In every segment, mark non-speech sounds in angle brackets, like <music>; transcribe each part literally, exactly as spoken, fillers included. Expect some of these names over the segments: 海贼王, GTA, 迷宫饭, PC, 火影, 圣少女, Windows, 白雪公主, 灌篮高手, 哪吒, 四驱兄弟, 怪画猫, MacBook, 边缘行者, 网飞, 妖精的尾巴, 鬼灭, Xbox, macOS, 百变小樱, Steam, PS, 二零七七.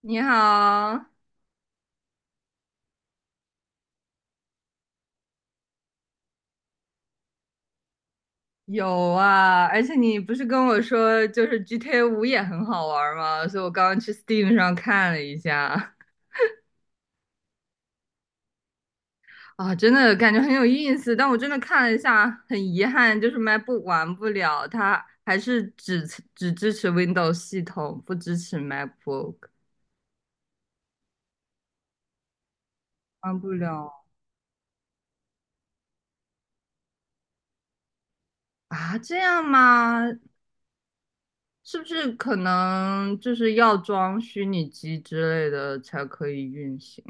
你好。有啊，而且你不是跟我说就是 GTA 五也很好玩儿吗？所以我刚刚去 Steam 上看了一下。啊，真的感觉很有意思，但我真的看了一下，很遗憾，就是 MacBook 玩不了，它还是只只支持 Windows 系统，不支持 MacBook，玩不了啊？这样吗？是不是可能就是要装虚拟机之类的才可以运行？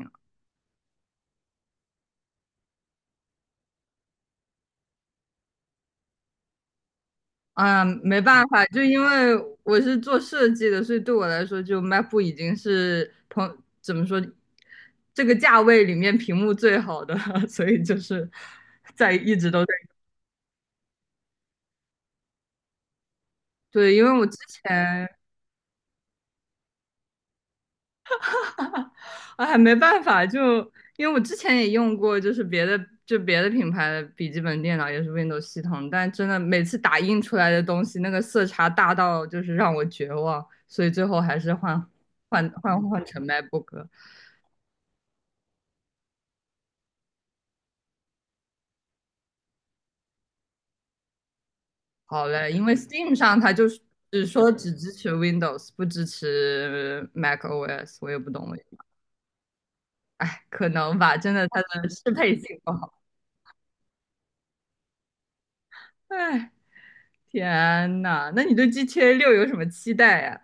啊，没办法，就因为我是做设计的，所以对我来说，就 MacBook 已经是朋怎么说，这个价位里面屏幕最好的了 <laughs> 所以就是在一直都在。对，因为我之前 <laughs> 哎没办法，就因为我之前也用过，就是别的就别的品牌的笔记本电脑也是 Windows 系统，但真的每次打印出来的东西，那个色差大到就是让我绝望，所以最后还是换换换换成 MacBook 了。好嘞，因为 Steam 上它就是只说只支持 Windows，不支持 macOS，我也不懂为，可能吧，真的它的适配性不好。哎，天呐，那你对 G T A 六有什么期待呀？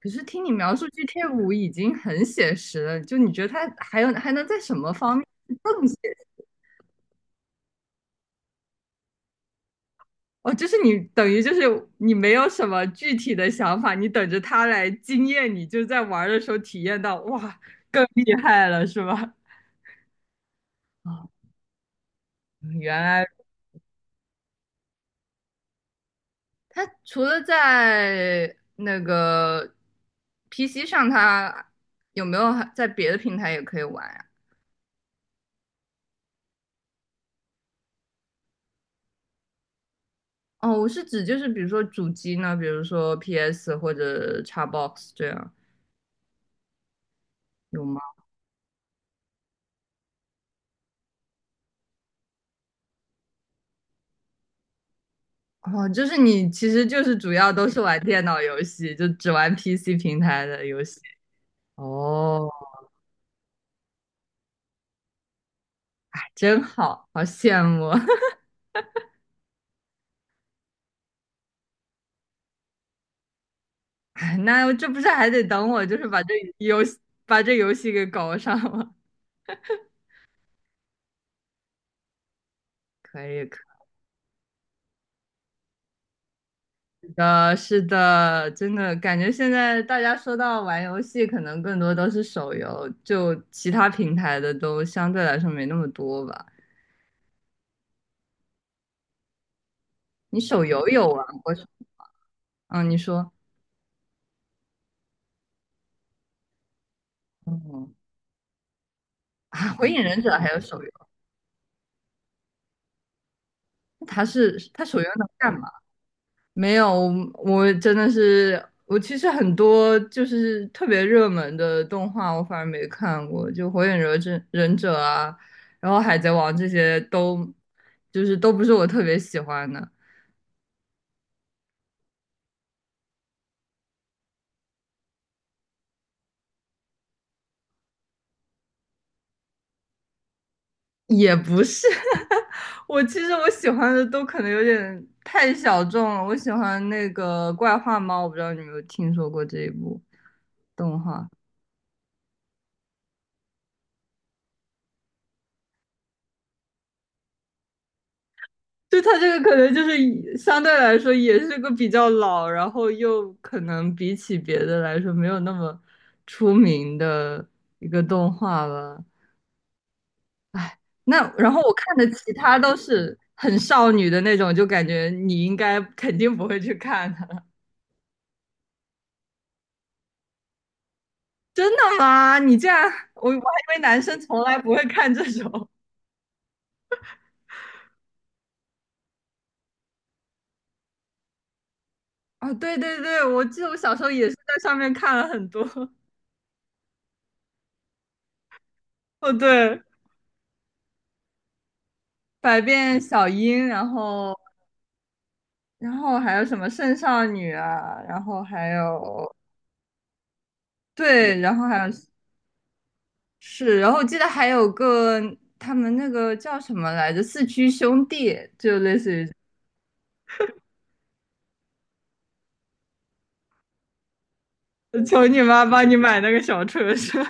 可是听你描述 GTA 五已经很写实了，就你觉得它还有还能在什么方面更写实？哦，就是你等于就是你没有什么具体的想法，你等着它来惊艳你，就在玩儿的时候体验到，哇，更厉害了，是吧？<laughs> 原来它除了在那个 P C 上，它有没有还在别的平台也可以玩呀？哦，我是指就是比如说主机呢，比如说 P S 或者 Xbox 这样有吗？哦，就是你其实就是主要都是玩电脑游戏，就只玩 P C 平台的游戏。哦，真好，好羡慕啊。<laughs> 哎，那这不是还得等我，就是把这游戏把这游戏给搞上吗？<laughs> 可以。可以呃，是的，真的感觉现在大家说到玩游戏，可能更多都是手游，就其他平台的都相对来说没那么多吧。你手游有玩过什么？嗯，你说。嗯。啊，火影忍者还有手游？它是它手游能干嘛？没有，我真的是，我其实很多就是特别热门的动画，我反而没看过，就火影忍者忍者啊，然后海贼王这些都，就是都不是我特别喜欢的。也不是，<laughs> 我其实我喜欢的都可能有点太小众了。我喜欢那个《怪画猫》，我不知道你有没有听说过这一部动画。就它这个可能就是以相对来说也是个比较老，然后又可能比起别的来说没有那么出名的一个动画吧。唉，那然后我看的其他都是很少女的那种，就感觉你应该肯定不会去看的。真的吗？你这样，我我还以为男生从来不会看这种。啊！对对对，我记得我小时候也是在上面看了很多。<laughs> 哦，对，百变小樱。然后然后还有什么圣少女啊，然后还有对，然后还有是，然后我记得还有个他们那个叫什么来着，四驱兄弟，就类似于 <laughs> 求你妈帮你买那个小车车。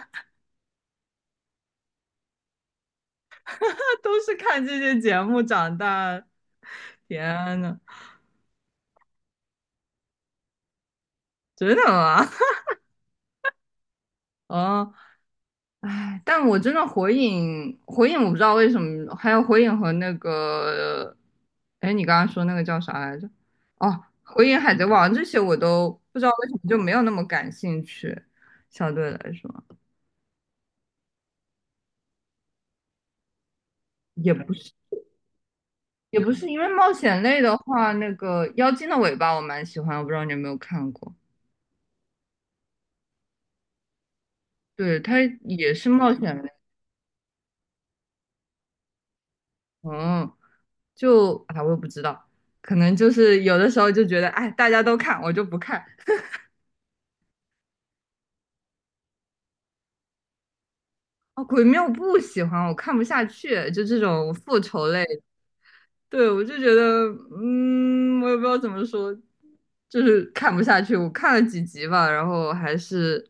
<laughs> 都是看这些节目长大。天呐！真的啊，<laughs> 哦。哎，但我真的火影，火影我不知道为什么，还有火影和那个，哎，你刚刚说那个叫啥来着？哦，火影、海贼王这些我都不知道为什么就没有那么感兴趣，相对来说，也不是也不是因为冒险类的话，那个《妖精的尾巴》我蛮喜欢，我不知道你有没有看过。对，它也是冒险类。嗯，就啊，我也不知道。可能就是有的时候就觉得，哎，大家都看，我就不看。哦，鬼灭我不喜欢，我看不下去，就这种复仇类。对，我就觉得，嗯，我也不知道怎么说，就是看不下去。我看了几集吧，然后还是，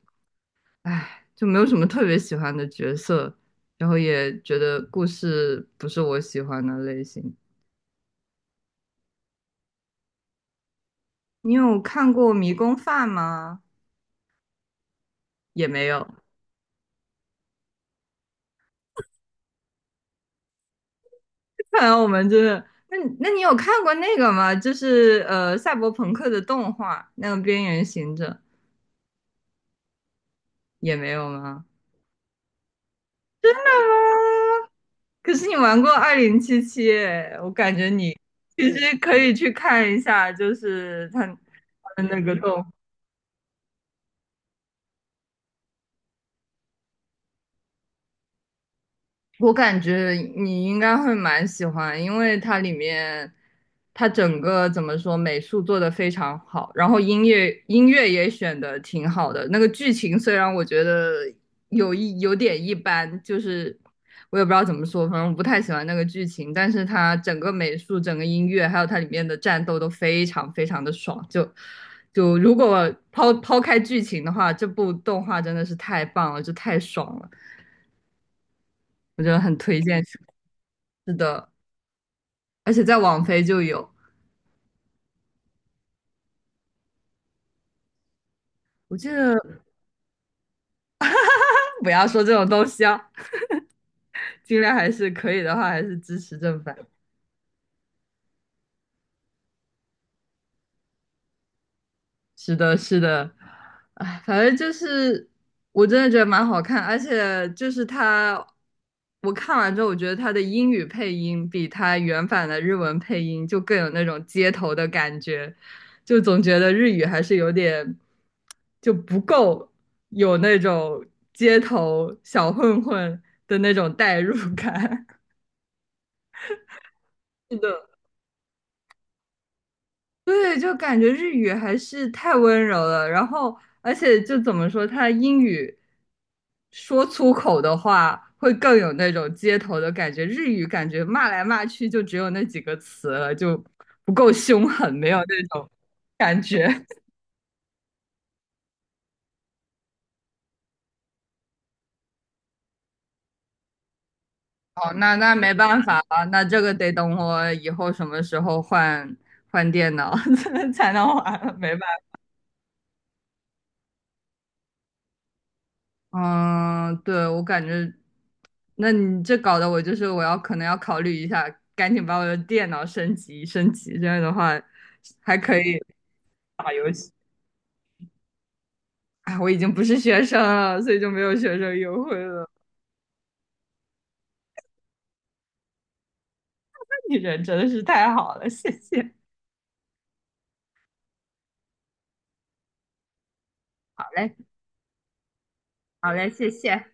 唉，就没有什么特别喜欢的角色，然后也觉得故事不是我喜欢的类型。你有看过《迷宫饭》吗？也没有。<laughs> 看来我们真的，那你那你有看过那个吗？就是呃，赛博朋克的动画，那个《边缘行者》也没有吗？<laughs> 啊！可是你玩过二零七七，我感觉你其实可以去看一下，就是他他的那个动我感觉你应该会蛮喜欢，因为它里面，它整个怎么说，美术做的非常好，然后音乐音乐也选的挺好的。那个剧情虽然我觉得有一有点一般，就是我也不知道怎么说，反正我不太喜欢那个剧情，但是它整个美术、整个音乐，还有它里面的战斗都非常非常的爽。就就如果抛抛开剧情的话，这部动画真的是太棒了，就太爽了，我觉得很推荐的。而且在网飞就有。我记得不要说这种东西啊，尽量还是可以的话，还是支持正版。是的，是的，哎，反正就是我真的觉得蛮好看，而且就是他，我看完之后，我觉得他的英语配音比他原版的日文配音就更有那种街头的感觉，就总觉得日语还是有点就不够有那种街头小混混的那种代入感。<laughs> 是的。对，就感觉日语还是太温柔了，然后而且就怎么说，他英语说粗口的话会更有那种街头的感觉，日语感觉骂来骂去就只有那几个词了，就不够凶狠，没有那种感觉。<laughs> 哦，那那没办法了，那这个得等我以后什么时候换换电脑 <laughs> 才能玩了没办法。嗯，对，我感觉，那你这搞得我就是我要可能要考虑一下，赶紧把我的电脑升级升级，这样的话还可以打游戏。哎，我已经不是学生了，所以就没有学生优惠了。<laughs> 你人真的是太好了，谢谢。好嘞，好嘞，谢谢。